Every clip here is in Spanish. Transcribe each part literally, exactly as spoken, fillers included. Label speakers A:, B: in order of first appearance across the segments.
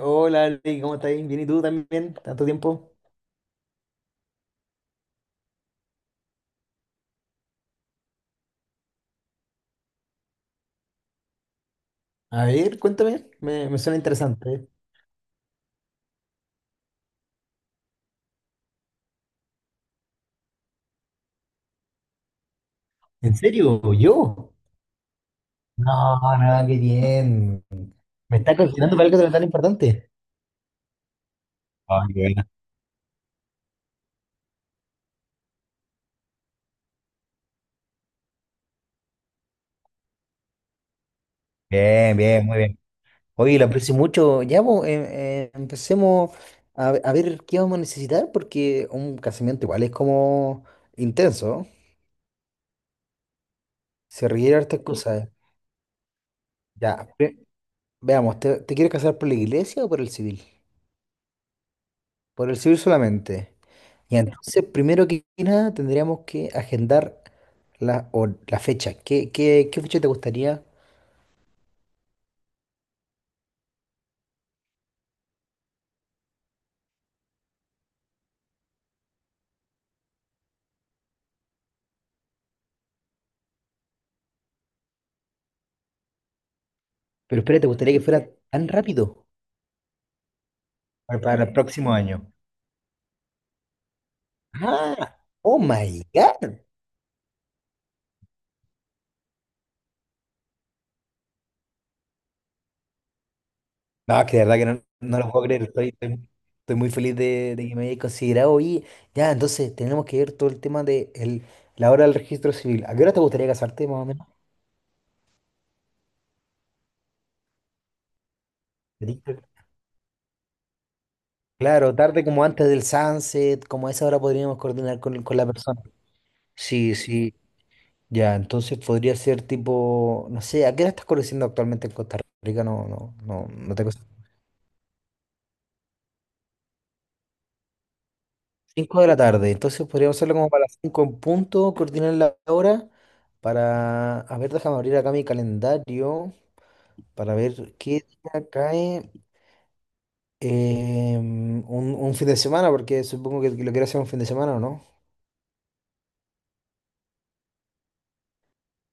A: Hola, Ali, ¿cómo estás? Bien, ¿y tú también? ¿Tanto tiempo? A ver, cuéntame, me, me suena interesante. ¿En serio? ¿Yo? No, no, qué bien. ¿Me estás considerando para algo tan importante? Ah, qué bueno. Bien, bien, muy bien. Oye, lo aprecio mucho. Ya, pues, eh, eh, empecemos a, ve- a ver qué vamos a necesitar, porque un casamiento igual es como intenso. Se requiere hartas cosas. Ya, ve- Veamos, ¿te, te quieres casar por la iglesia o por el civil? Por el civil solamente. Y entonces, primero que nada, tendríamos que agendar la, o la fecha. ¿Qué, qué, qué fecha te gustaría? Pero espera, ¿te gustaría que fuera tan rápido? Para, para el próximo año. ¡Ah! ¡Oh, my God! No, es que de verdad que no, no lo puedo creer. Estoy, estoy, estoy muy feliz de, de que me hayas considerado. Oye, ya, entonces tenemos que ver todo el tema de el- la hora del registro civil. ¿A qué hora te gustaría casarte, más o menos? Ahorita. Claro, tarde como antes del sunset, como a esa hora podríamos coordinar con, con la persona. Sí, sí. Ya, entonces podría ser tipo, no sé, ¿a qué hora estás conociendo actualmente en Costa Rica? No, no, no, no tengo. Cinco de la tarde, entonces podríamos hacerlo como para las cinco en punto, coordinar la hora para, a ver, déjame abrir acá mi calendario para ver qué día cae eh, un, un fin de semana, porque supongo que lo quiero hacer un fin de semana, ¿o no?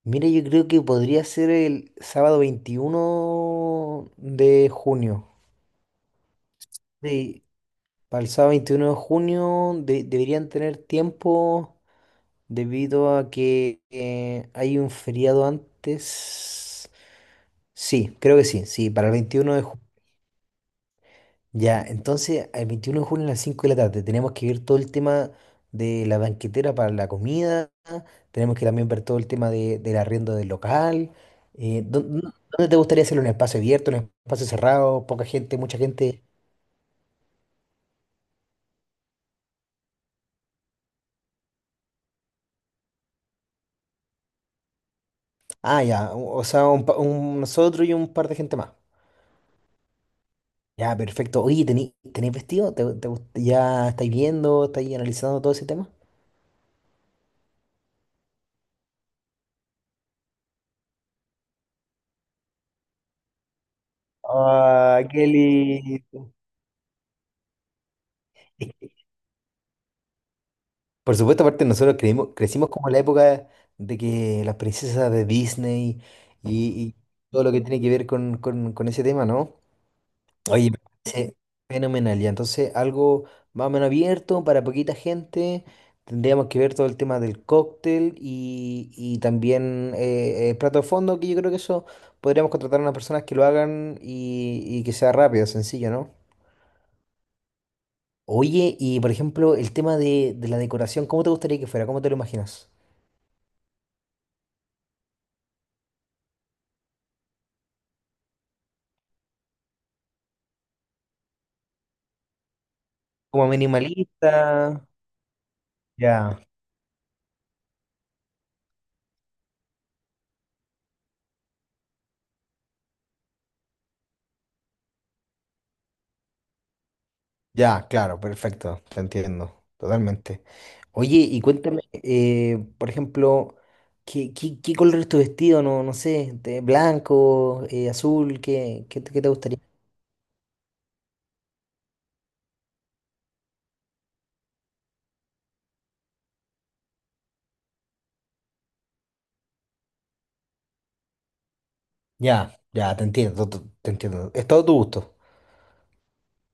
A: Mire, yo creo que podría ser el sábado veintiuno de junio. Sí, para el sábado veintiuno de junio de- deberían tener tiempo debido a que eh, hay un feriado antes. Sí, creo que sí, sí, para el veintiuno de junio. Ya, entonces el veintiuno de junio a las cinco de la tarde tenemos que ver todo el tema de la banquetera para la comida, tenemos que también ver todo el tema de, del arriendo del local. eh, ¿dó- dó- ¿Dónde te gustaría hacerlo? ¿En un espacio abierto, en un espacio cerrado, poca gente, mucha gente? Ah, ya, o o sea, un pa- un- nosotros y un par de gente más. Ya, perfecto. Oye, ¿tenéis tenéis vestido? ¿Te, te gust- ya estáis viendo, estáis analizando todo ese tema? Ah, qué lindo. Es que, por supuesto, aparte nosotros creímos- crecimos como en la época de que las princesas de Disney y, y todo lo que tiene que ver con, con- con ese tema, ¿no? Oye, me parece fenomenal. Ya, entonces algo más o menos abierto para poquita gente. Tendríamos que ver todo el tema del cóctel y, y también eh, el plato de fondo, que yo creo que eso podríamos contratar a unas personas que lo hagan y, y que sea rápido, sencillo, ¿no? Oye, y por ejemplo, el tema de, de la decoración, ¿cómo te gustaría que fuera? ¿Cómo te lo imaginas? ¿Como minimalista? Ya. Ya, claro, perfecto, te entiendo, totalmente. Oye, y cuéntame, eh, por ejemplo, ¿qué, qué, qué color es tu vestido? No, no sé, de blanco, eh, azul, ¿qué, qué, te qué te gustaría? Ya, ya, te entiendo, to- te entiendo. Es todo tu gusto.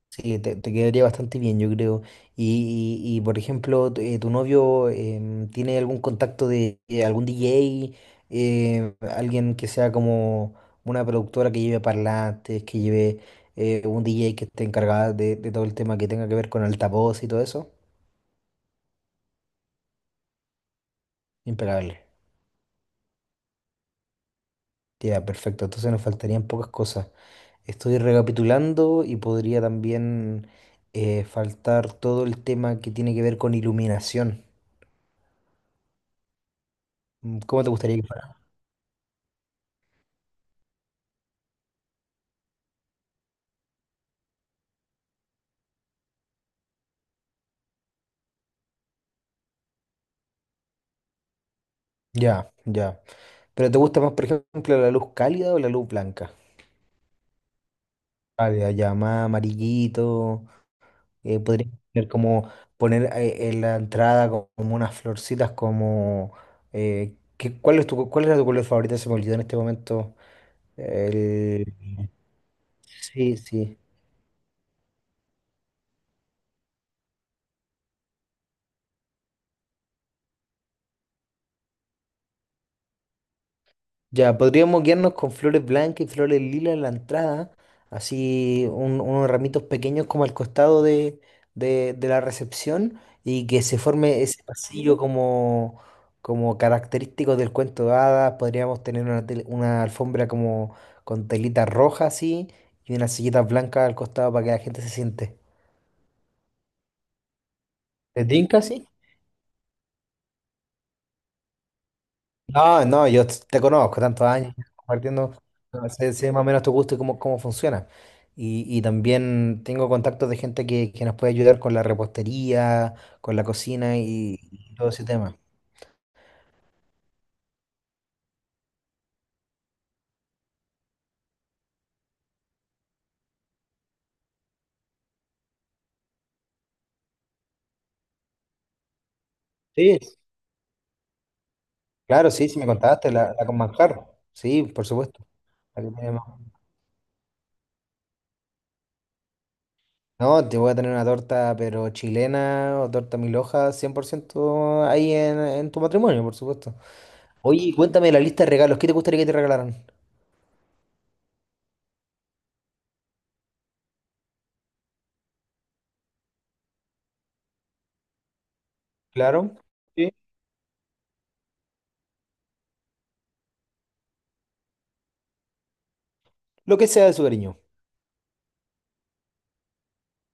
A: Sí, te, te quedaría bastante bien, yo creo. Y, y- y, por ejemplo, tu, eh, tu novio em, tiene algún contacto de eh, algún D J, eh, alguien que sea como una productora que lleve parlantes, que lleve eh, un D J que esté encargada de, de todo el tema que tenga que ver con altavoz y todo eso. Impecable. Ya, perfecto. Entonces nos faltarían pocas cosas. Estoy recapitulando y podría también eh, faltar todo el tema que tiene que ver con iluminación. Mm, ¿cómo te gustaría que fuera? Ya, ya. ¿Pero te gusta más, por ejemplo, la luz cálida o la luz blanca? Cálida, ya más amarillito. Eh, podría ser como poner eh, en la entrada co- como unas florcitas como… eh, ¿qué- cuál es tu, cuál era tu color favorito? Se me olvidó en este momento. El… Sí, sí. Ya, podríamos guiarnos con flores blancas y flores lilas en la entrada, así un- unos ramitos pequeños como al costado de, de- de la recepción y que se forme ese pasillo como, como característico del cuento de hadas. Podríamos tener una, tel- una alfombra como con telita roja así y unas sillitas blancas al costado para que la gente se siente. ¿Te tinca así? No, no, yo t- te conozco tantos años compartiendo, no, sé, sé más o menos tu gusto y cómo, cómo funciona. Y, y también tengo contactos de gente que, que nos puede ayudar con la repostería, con la cocina y, y todo ese tema. Sí, claro, sí, sí me contaste, la, la con manjar. Sí, por supuesto. La que tiene ma- No, te voy a tener una torta, pero chilena o torta mil hojas, cien por ciento ahí en, en tu matrimonio, por supuesto. Oye, y cuéntame la lista de regalos. ¿Qué te gustaría que te regalaran? Claro. Sí. Lo que sea de su cariño.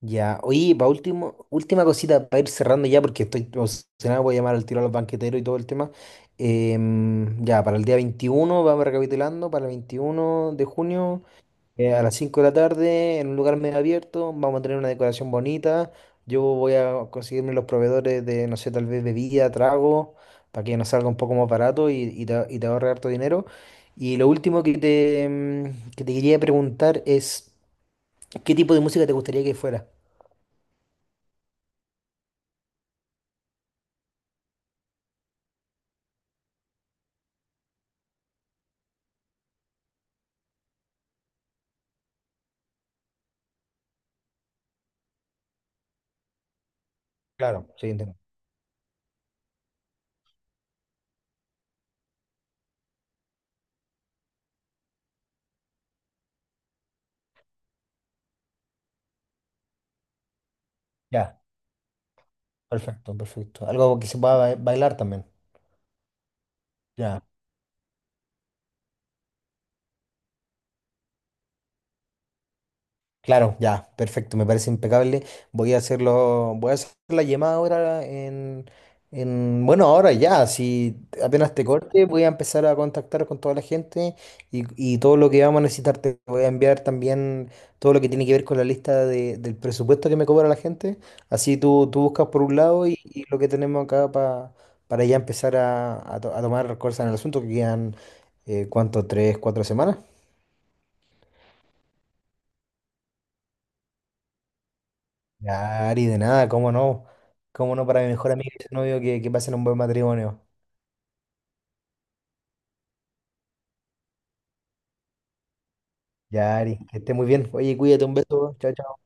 A: Ya, oye, pa último, última cosita para ir cerrando ya, porque estoy emocionado, voy a llamar al tiro a los banqueteros y todo el tema. Em, ya, para el día veintiuno vamos recapitulando, para el veintiuno de junio, eh, a las cinco de la tarde, en un lugar medio abierto, vamos a tener una decoración bonita. Yo voy a conseguirme los proveedores de, no sé, tal vez bebida, trago, para que nos salga un poco más barato y, y te, y te ahorre harto dinero. Y lo último que te, em, que te quería preguntar es, ¿qué tipo de música te gustaría que fuera? Claro, sí, entiendo. Ya, perfecto, perfecto. Algo que se pueda ba- bailar también. Ya, claro, ya, perfecto, me parece impecable. Voy a hacerlo, voy a hacer la llamada ahora en, en, bueno, ahora ya, si apenas te corte, voy a empezar a contactar con toda la gente y, y todo lo que vamos a necesitar. Te voy a enviar también todo lo que tiene que ver con la lista de- del presupuesto que me cobra la gente. Así tú, tú buscas por un lado y, y lo que tenemos acá pa- para ya empezar a, a to- a tomar cosas en el asunto que quedan, eh, ¿cuánto? ¿Tres, cuatro semanas? Ya, Ari, de nada, cómo no. Cómo no para mi mejor amigo y su novio que, que pasen un buen matrimonio. Ya, Ari, que esté muy bien. Oye, cuídate, un beso. Chao, chao.